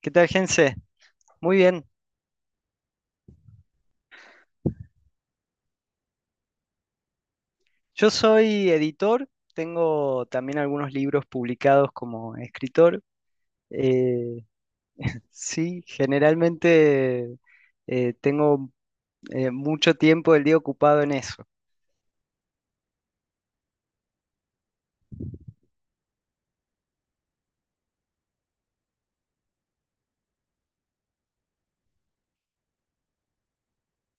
¿Qué tal, Gense? Muy bien. Yo soy editor, tengo también algunos libros publicados como escritor. Eh, sí, generalmente tengo mucho tiempo del día ocupado en eso.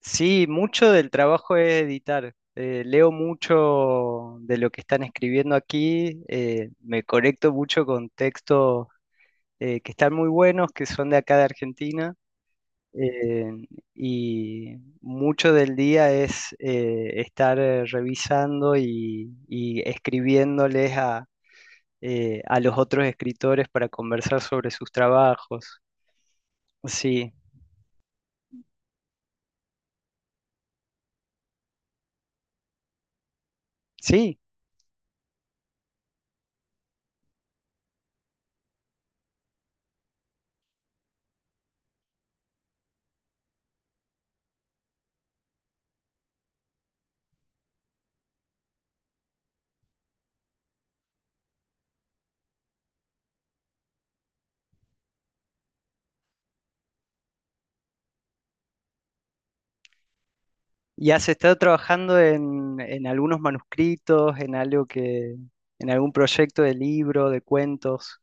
Sí, mucho del trabajo es editar. Leo mucho de lo que están escribiendo aquí, me conecto mucho con textos que están muy buenos, que son de acá de Argentina. eh, y mucho del día es estar revisando y escribiéndoles a los otros escritores para conversar sobre sus trabajos. Sí, sí. Y has estado trabajando en algunos manuscritos, en algo en algún proyecto de libro, de cuentos.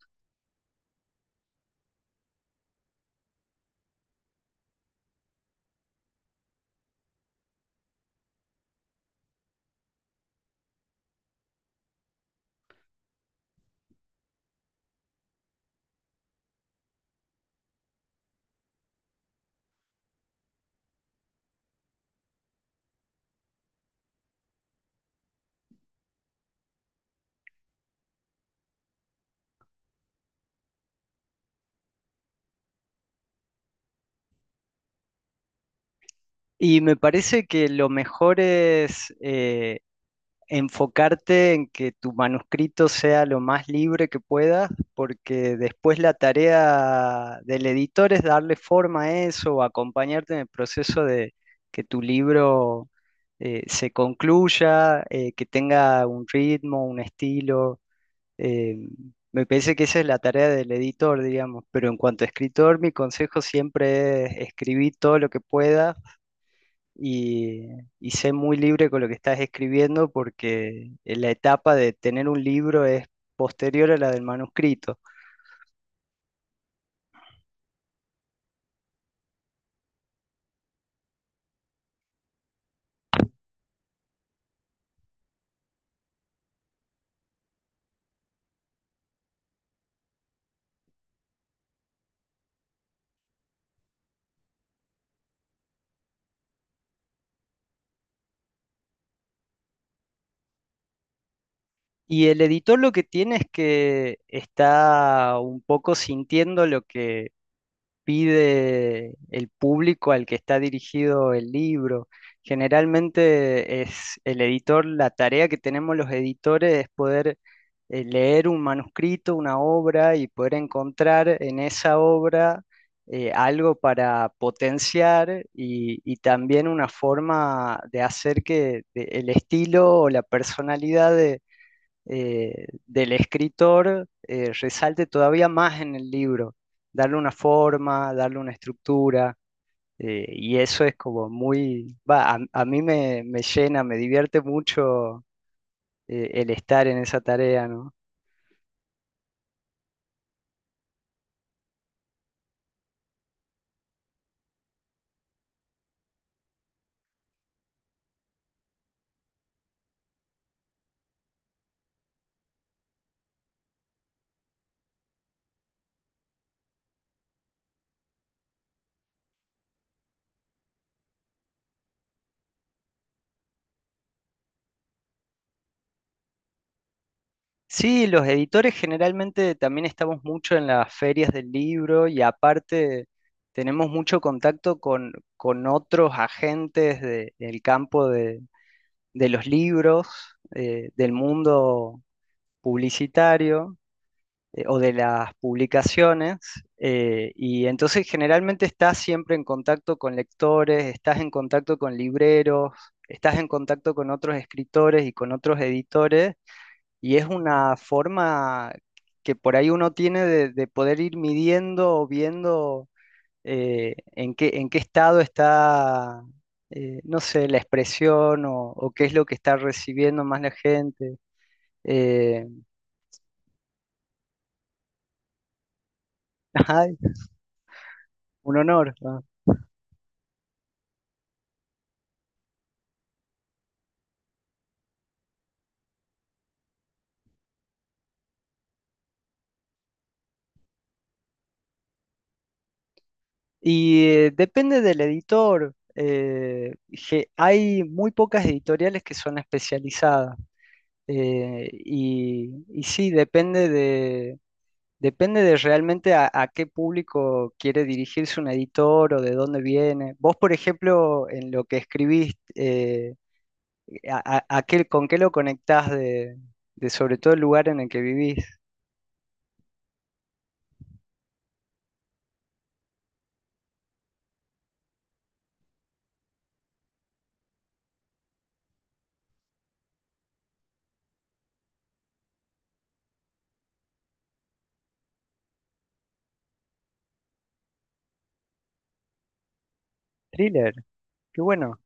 Y me parece que lo mejor es enfocarte en que tu manuscrito sea lo más libre que puedas, porque después la tarea del editor es darle forma a eso, o acompañarte en el proceso de que tu libro se concluya, que tenga un ritmo, un estilo. eh, Me parece que esa es la tarea del editor, digamos, pero en cuanto a escritor, mi consejo siempre es escribir todo lo que puedas y, y sé muy libre con lo que estás escribiendo porque la etapa de tener un libro es posterior a la del manuscrito. Y el editor lo que tiene es que está un poco sintiendo lo que pide el público al que está dirigido el libro. Generalmente es el editor, la tarea que tenemos los editores es poder leer un manuscrito, una obra y poder encontrar en esa obra algo para potenciar y también una forma de hacer que el estilo o la personalidad de del escritor resalte todavía más en el libro, darle una forma, darle una estructura, y eso es como muy, va, a mí me llena, me divierte mucho el estar en esa tarea, ¿no? Sí, los editores generalmente también estamos mucho en las ferias del libro y aparte tenemos mucho contacto con otros agentes del campo de los libros, del mundo publicitario o de las publicaciones y entonces generalmente estás siempre en contacto con lectores, estás en contacto con libreros, estás en contacto con otros escritores y con otros editores y es una forma que por ahí uno tiene de poder ir midiendo o viendo en qué estado está, no sé, la expresión o qué es lo que está recibiendo más la gente. Eh, ay, un honor. ¿No? Y depende del editor. Hay muy pocas editoriales que son especializadas. Y, y sí, depende de realmente a qué público quiere dirigirse un editor o de dónde viene. Vos, por ejemplo, en lo que escribís, a qué, ¿con qué lo conectás de sobre todo el lugar en el que vivís? Thriller, qué bueno.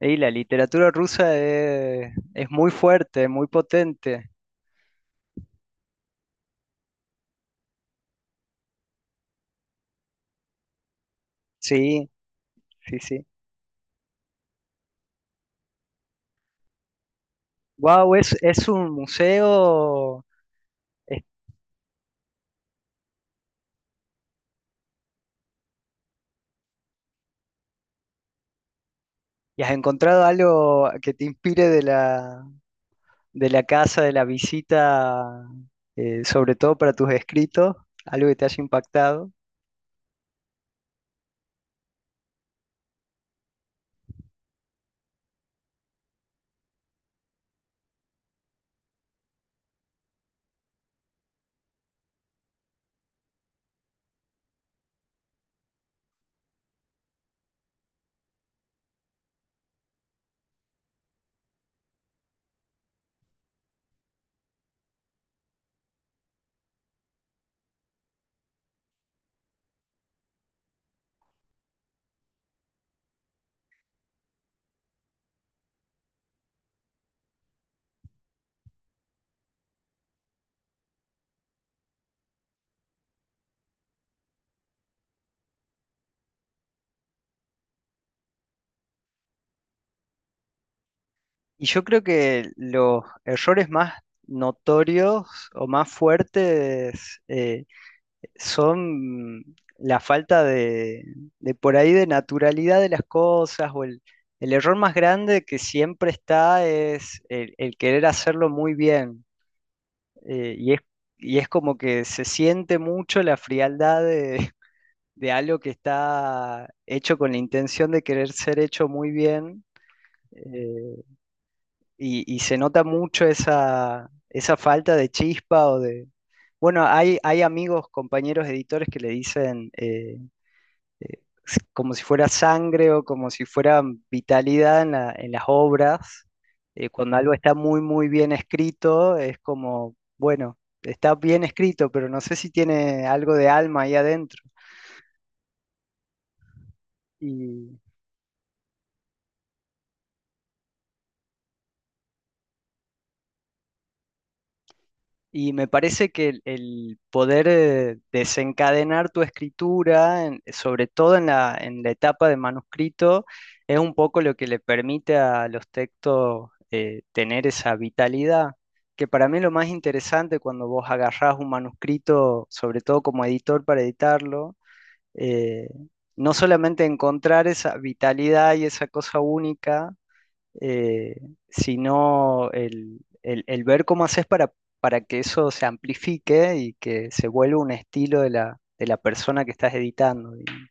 Y la literatura rusa es muy fuerte, muy potente. Sí, sí, sí. Wow, es un museo. Es- ¿Y has encontrado algo que te inspire de la casa, de la visita, sobre todo para tus escritos? Algo que te haya impactado. Y yo creo que los errores más notorios o más fuertes son la falta de por ahí de naturalidad de las cosas o el error más grande que siempre está es el querer hacerlo muy bien. eh, y es, y es como que se siente mucho la frialdad de, de algo que está hecho con la intención de querer ser hecho muy bien. eh, y, y se nota mucho esa, esa falta de chispa o de... Bueno, hay amigos, compañeros editores que le dicen como si fuera sangre o como si fuera vitalidad en en las obras. Cuando algo está muy, muy bien escrito, es como, bueno, está bien escrito, pero no sé si tiene algo de alma ahí adentro. Y me parece que el poder desencadenar tu escritura, sobre todo en la etapa de manuscrito, es un poco lo que le permite a los textos tener esa vitalidad, que para mí es lo más interesante cuando vos agarrás un manuscrito, sobre todo como editor para editarlo, eh, no solamente encontrar esa vitalidad y esa cosa única, eh, sino el, el ver cómo haces para que eso se amplifique y que se vuelva un estilo de la persona que estás editando, digamos.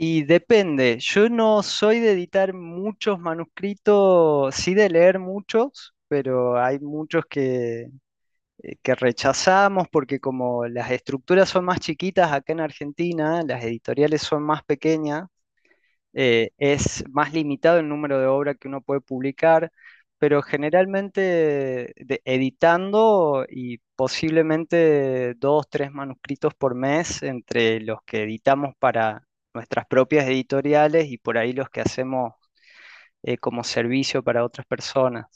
Y depende, yo no soy de editar muchos manuscritos, sí de leer muchos, pero hay muchos que rechazamos porque como las estructuras son más chiquitas acá en Argentina, las editoriales son más pequeñas, es más limitado el número de obras que uno puede publicar, pero generalmente editando y posiblemente dos, tres manuscritos por mes entre los que editamos para nuestras propias editoriales y por ahí los que hacemos como servicio para otras personas.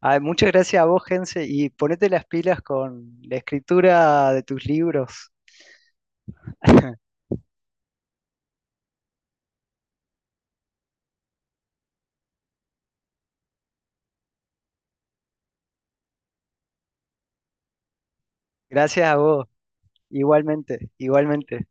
Ay, muchas gracias a vos, Gense, y ponete las pilas con la escritura de tus libros. Gracias a vos, igualmente, igualmente.